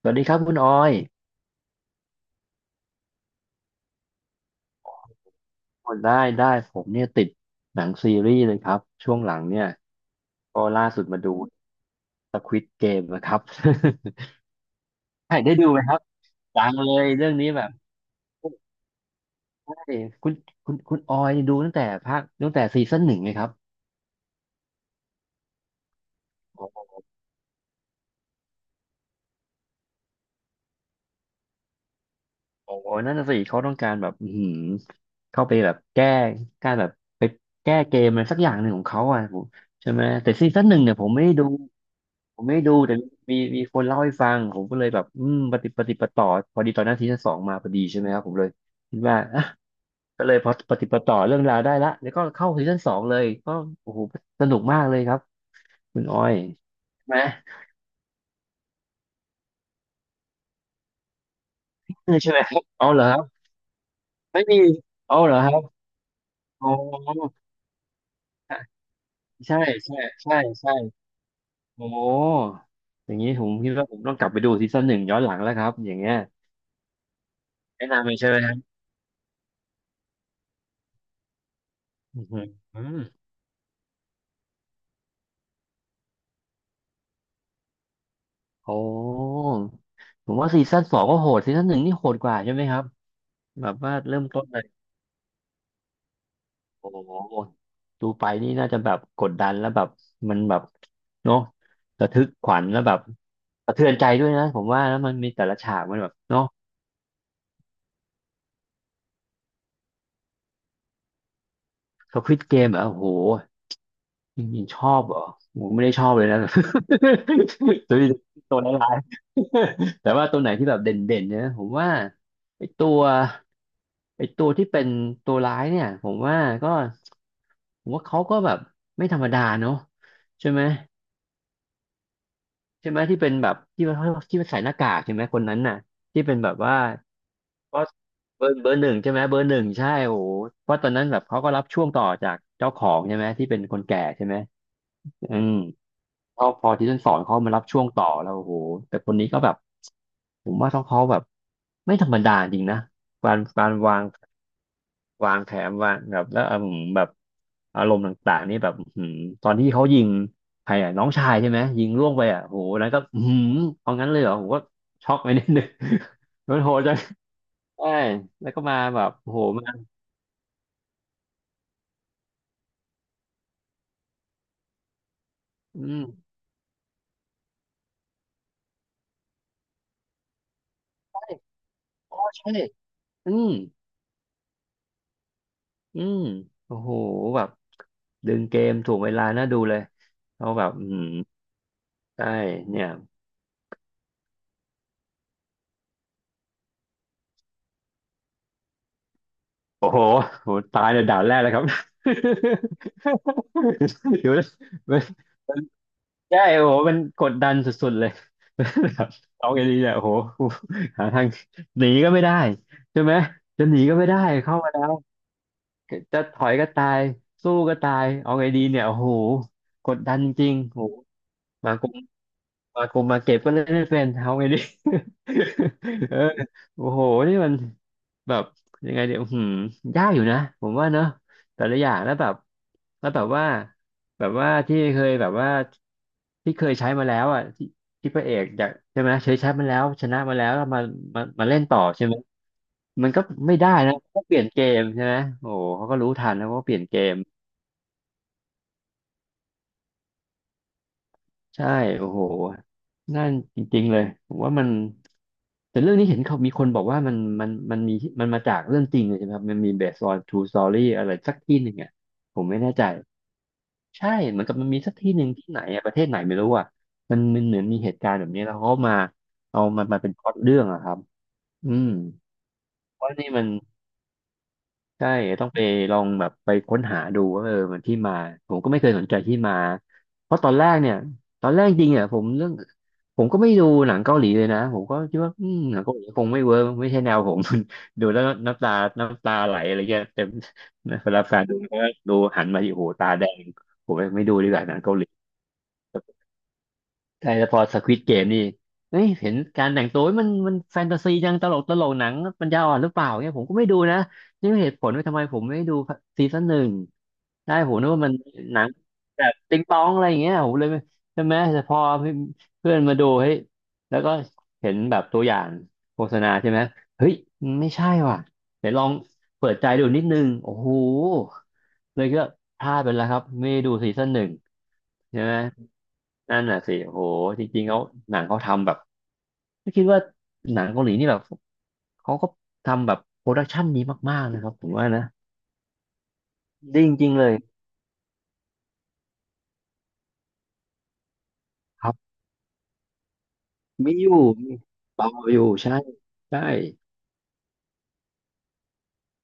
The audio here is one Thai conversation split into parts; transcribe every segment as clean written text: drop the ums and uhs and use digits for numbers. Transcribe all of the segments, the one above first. สวัสดีครับคุณออยโอ้ได้ได้ผมเนี่ยติดหนังซีรีส์เลยครับช่วงหลังเนี่ยก็ล่าสุดมาดู Squid Game นะครับ ใช่ได้ดูไหมครับ ดังเลยเรื่องนี้แบบใช่คุณคุณออยดูตั้งแต่ภาคตั้งแต่ซีซั่นหนึ่งเลยครับ โอ้โหโอ้โหนั่นน่ะสิเขาต้องการแบบอื้อหือเข้าไปแบบแก้การแบบไปแก้เกมอะไรสักอย่างหนึ่งของเขาอ่ะผมใช่ไหมแต่ซีซั่นหนึ่งเนี่ยผมไม่ได้ดู ผมไม่ดูแต่มีคนเล่าให้ฟังผมก็เลยแบบปฏิปฏิปต่อพอดีตอนนั้นซีซั่นสองมาพอดีใช่ไหมครับผมเลยคิดว่าอ่ะก็เลยพอปฏิปต่อเรื่องราวได้ละแล้วก็เข้าซีซั่นสองเลยก็โอ้โหสนุกมากเลยครับคุณออยใช่ไหมเออใช่ไหมครับเอาเหรอครับไม่มีเอาเหรอครับอ๋อใช่ใช่ใช่ใช่โอ้โหอย่างนี้ผมคิดว่าผมต้องกลับไปดูซีซั่นหนึ่งย้อนหลังแล้วครับอย่างเงี้ยแนะนำเลยใช่ไหมครับอือหือ โอ้ผมว่าซีซั่นสองก็โหดซีซั่นหนึ่งนี่โหดกว่าใช่ไหมครับแบบว่าเริ่มต้นเลยโอ้โหดูไปนี่น่าจะแบบกดดันแล้วแบบมันแบบเนาะระทึกขวัญแล้วแบบสะเทือนใจด้วยนะผมว่าแล้วมันมีแต่ละฉากมันแบบเนาะสควิดเกมอ่ะโอ้โหจริงๆชอบเหรอผมไม่ได้ชอบเลยนะ ตัวนี้ตัวร้ายๆแต่ว่าตัวไหนที่แบบเด่นๆเนี่ยผมว่าไอ้ตัว ไอตัวที่เป็นตัวร้ายเนี่ยผมว่าก็ผมว่าเขาก็แบบไม่ธรรมดาเนอะใช่ไหมใช่ไหมที่เป็นแบบที่ว่าที่ว่าใส่หน้ากากใช่ไหมคนนั้นน่ะที่เป็นแบบว่าก็เบอร์หนึ่งใช่ไหมเบอร์หนึ่งใช่โอ้โหเพราะตอนนั้นแบบเขาก็รับช่วงต่อจากเจ้าของใช่ไหมที่เป็นคนแก่ใช่ไหมอืมพอที่ต้นสอนเขามารับช่วงต่อแล้วโอ้โหแต่คนนี้ก็แบบผมว่าเขาแบบไม่ธรรมดาจริงนะการวาง วางแขนวางแบบแล้วแบบอารมณ์ต่างๆนี่แบบตอนที่เขายิงใครอ่ะน้องชายใช่ไหมยิงล่วงไปอ่ะโหนั้นก็เอางั้นเลยเหรอผมก็ช็อกไปนิดนึง มันโหดจังใช่แล้วก็มาแบบโอ้โหมาอืมใช่อ๋อใช่อืมอืมโอ้โหแบบดึงเกมถูกเวลาน่าดูเลยเขาแบบใช่เนี่ย โอ้โหโหตายในด่านแรกเลยครับ เดี๋ยวมันใช่โอ้โหมันกดดันสุดๆเลย เอาไงดีเนี่ยโอ้โห หาทางหนีก็ไม่ได้ใช่ไหมจะหนีก็ไม่ได้เข้ามาแล้ว จะถอยก็ตาย สู้ก็ตายเอาไงดีเนี่ยโอ้โห กดดันจริงๆโอ้โหมากง มากมมาเก็บก็เล่นไม่เป็นเอาไงดิ เออโอ้โหนี่มันแบบยังไงเดี๋ยวหืมยากอยู่นะผมว่าเนอะแต่ละอย่างแล้วแบบแล้วแบบว่าแบบว่าที่เคยแบบว่าที่เคยใช้มาแล้วอ่ะที่ที่พระเอกอยากใช่ไหมเคยใช้มาแล้วชนะมาแล้วแล้วมามาเล่นต่อใช่ไหมมันก็ไม่ได้นะก็เปลี่ยนเกมใช่ไหมโอ้โหเขาก็รู้ทันแล้วก็เปลี่ยนเกม ใช่โอ้โหนั่นจริงๆเลยผมว่ามันแต่เรื่องนี้เห็นเขามีคนบอกว่ามันมีมันมาจากเรื่องจริงเลยใช่ไหมครับมันมี based on true story อะไรสักที่หนึ่งอ่ะผมไม่แน่ใจใช่เหมือนกับมันมีสักที่หนึ่งที่ไหนอะประเทศไหนไม่รู้อ่ะมันเหมือนมีเหตุการณ์แบบนี้แล้วเขามาเอามันมาเป็นพล็อตเรื่องอะครับอืมเพราะนี่มัน ใช่ต้องไปลองแบบไปค้นหาดูว่าเออมันที่มาผมก็ไม่เคยสนใจที่มาเพราะตอนแรกเนี่ยตอนแรกจริงเนี่ยผมเรื่องผมก็ไม่ดูหนังเกาหลีเลยนะผมก็คิดว่าหนังเกาหลีคงไม่เวิร์กไม่ใช่แนวผม ดูแล้วน้ำตาไหลอะไรเงี้ยแต่ เวลาแฟนดูก็ดูหันมาที่โอ้โหตาแดงผมไม่ดูดีกว่าหนังเกาหลี ใช่แล้วพอสควิดเกมนี่เฮ้ยเห็นการแต่งตัวมันแฟนตาซีจังตลกหนังปัญญาอ่อนหรือเปล่าเนี่ยผมก็ไม่ดูนะนี่เป็นเหตุผลว่าทำไมผมไม่ดูซีซั่นหนึ่งได้ผมนึกว่ามันหนังแบบติงตองอะไรอย่างเงี้ยผมเลยไม่ใช่ไหมแต่พอเพื่อนมาดูเฮ้ยแล้วก็เห็นแบบตัวอย่างโฆษณาใช่ไหมเฮ้ยไม่ใช่ว่ะเดี๋ยวลองเปิดใจดูนิดนึงโอ้โหเลยก็พลาดไปแล้วครับไม่ได้ดูซีซั่นหนึ่งใช่ไหม นั่นน่ะสิโหจริงๆเขาหนังเขาทำแบบไม่คิดว่าหนังเกาหลีนี่แบบเขาก็ทำแบบโปรดักชันนี้มากๆนะครับผมว่านะไดีจริงๆเลยครับมีอยู่มีเปาอยู่ใช่ใช่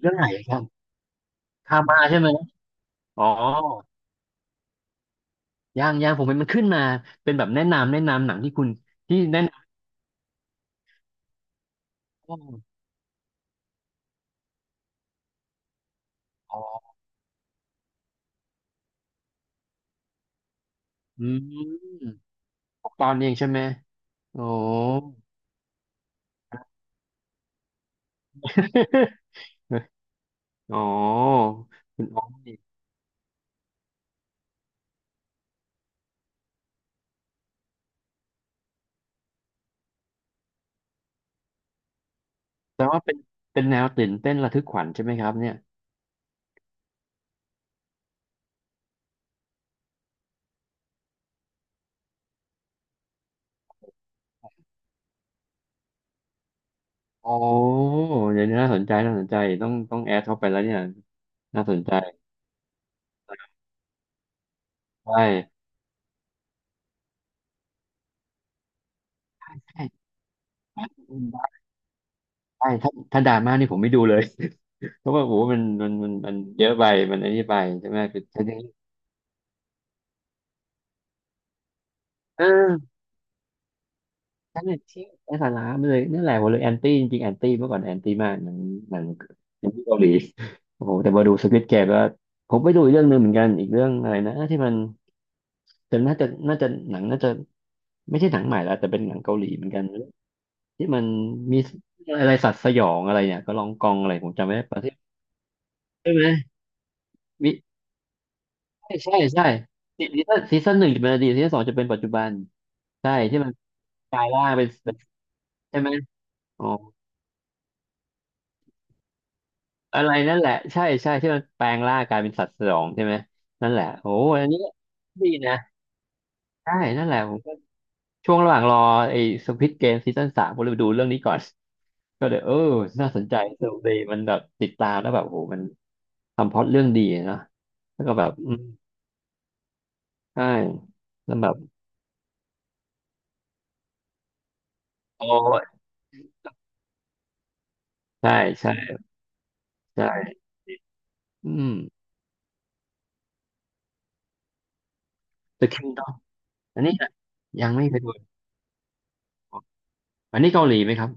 เรื่องไหนครับคามาใช่ไหมอ๋อยังยังผมเห็นมันขึ้นมาเป็นแบบแนะนำหนังที่คุณที่แนะนำอ๋ออืมหกตอนเองใช่ไหมโอ้ อ๋อคุณอ๋อ แต่ว่าเป็นแนวตื่นเต้นระทึกขวัญใช่ไหมครับเนี่ยโอ้เดี๋ยวนี้น่าสนใจน่าสนใจต้องแอดเข้าไปแล้วเนี่ยน่าสนใจใช่ใช่ใช่ถ้าดราม่านี่ผมไม่ดูเลย เพราะว่าโอ้โหมันเยอะไปมันอันนี้ไปใช่ไหมคือฉันยังเออฉันเนี่ยทิ้งไอ้สาระไปเลยนั่นแหละผมเลยแอนตี้จริงๆแอนตี้เมื่อก่อนแอนตี้มากหนังหนังหนังที่เกาหลีโอ้โหแต่มาดูสควิดเกมก็ผมไปดูอีกเรื่องหนึ่งเหมือนกันอีกเรื่องอะไรนะที่มันแต่น่าจะหนังน่าจะ ไม่ใช่หนังใหม่แล้วแต่เป็นหนังเกาหลีเหมือนกันที่มันมีอะไรสัตว์สยองอะไรเนี่ยก็ลองกองอะไรผมจำไม่ได้ประเทศใช่ไหมวิใช่ใช่ใช่ซีซั่นหนึ่งจะเป็นอดีตซีซั่นสองจะเป็นปัจจุบันใช่ที่มันกลายร่างเป็นใช่ไหมอ๋ออะไรนั่นแหละใช่ใช่ที่มันแปลงร่างกลายเป็นสัตว์สยองใช่ไหมนั่นแหละโอ้อันนี้ดีนะใช่นั่นแหละผมก็ช่วงระหว่างรอไอ้สควิดเกมซีซั่นสามผมเลยไปดูเรื่องนี้ก่อนก็เลยเออน่าสนใจสนุกดีมันแบบติดตามแล้วแบบโอ้โหมันทำพล็อตเรื่องดีเนาะ แล้วก็แบบอืมใช่แล้วแบบโอ้ยใช่ใช่ใช่อืม The Kingdom อันนี้นะยังไม่เคยดูอันนี้เกาหลีไหมครับ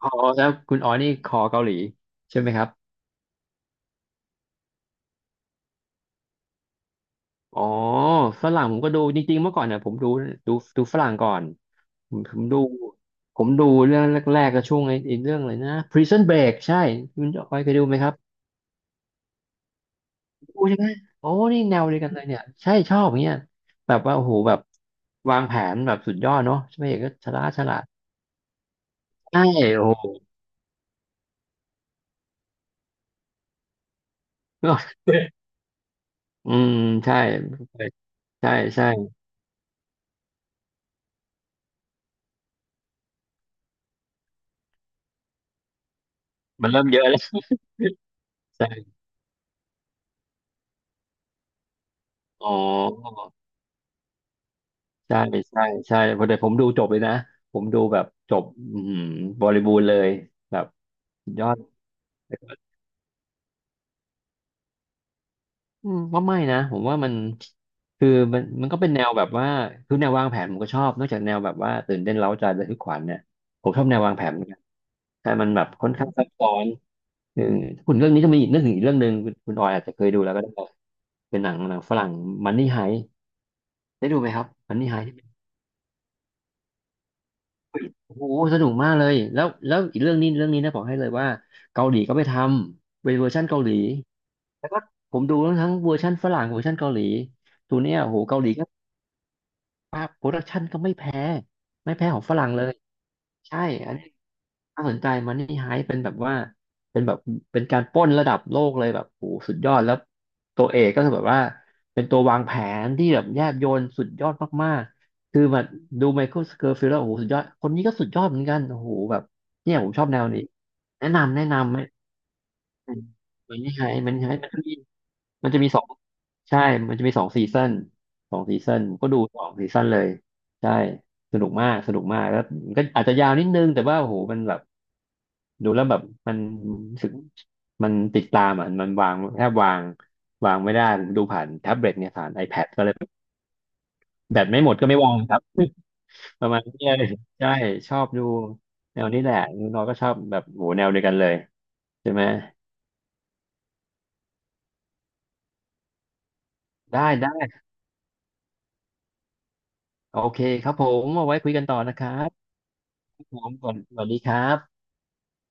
อ๋อแล้วคุณอ๋อนี่คอเกาหลีใช่ไหมครับอ๋อฝรั่งผมก็ดูจริงๆเมื่อก่อนเนี่ยผมดูดูดูฝรั่งก่อนผมดูผมดูเรื่องแรกๆก็ช่วงไอ้เรื่องอะไรนะ Prison Break ใช่คุณจอยเคยดูไหมครับดูใช่ไหมโอ้นี่แนวเดียวกันเลยเนี่ยใช่ชอบอย่างเงี้ยแบบว่าโอ้โหแบบวางแผนแบบสุดยอดเนาะพระเอกก็ฉลาด ใช่โอ้โหอืมใช่ใช่ใช่มันเริ่มเยอะแล้วใช่อ๋อใช่ใช่ใช่พอดีผมดูจบเลยนะผมดูแบบจบอื้บริบูรณ์เลยแบบสุดยอดอืมว่าไม่นะผมว่ามันคือมันก็เป็นแนวแบบว่าคือแนววางแผนผมก็ชอบนอกจากแนวแบบว่าตื่นเต้นเร้าใจระทึกขวัญเนี่ยผมชอบแนววางแผนเหมือนกันแต่มันแบบค่อนข้างซับซ้อน เออคุณเรื่องนี้จะมีอีกนึกถึงอีกเรื่องหนึ่งคุณออยอาจจะเคยดูแล้วก็ได้เป็นหนังฝรั่งมันนี่ไฮได้ดูไหมครับมันนี่ไฮที่เป็นโอ้โหสนุกมากเลยแล้วอีกเรื่องนี้เรื่องนี้นะบอกให้เลยว่าเกาหลีก็ไปทำเป็นเวอร์ชันเกาหลีแล้วก็ผมดูทั้งเวอร์ชันฝรั่งเวอร์ชันเกาหลีตัวเนี้ยโอ้โหเกาหลี วาพโปรดักชันก็ไม่แพ้ไม่แพ้ของฝรั่งเลยใช่อันนี้น่าสนใจมันนี่ไฮเป็นแบบว่าเป็นแบบเป็นการปล้นระดับโลกเลยแบบโหสุดยอดแล้วตัวเอกก็คือแบบว่าเป็นตัววางแผนที่แบบแยบยลสุดยอดมากๆคือแบบดูไมเคิลส c ร r ฟิลด์แล้วโอ้โหสุดยอดคนนี้ก็สุดยอดเหมือนกันโอ้โหแบบเนี่ยผมชอบแนวนี้แนะนำไหมมันนี่ไฮมันนี่ไฮมันก็ดี มันจะมีสองใช่มันจะมีสองซีซันสองซีซันก็ดูสองซีซันเลยใช่สนุกมากสนุกมากแล้วมันก็อาจจะยาวนิดนึงแต่ว่าโอ้โหมันแบบดูแล้วแบบมันรู้สึกมันติดตามอ่ะมันวางแทบวางวางไม่ได้ผมดูผ่านแท็บเล็ตเนี่ยผ่าน iPad ก็เลยแบตไม่หมดก็ไม่วางครับ ประมาณนี้เลยใช่ชอบดูแนวนี้แหละน้องก็ชอบแบบโหแนวเดียวกันเลยใช่ไหมได้ได้โอเคครับผมเอาไว้คุยกันต่อนะครับ ผมสวัสสวัสดีครับ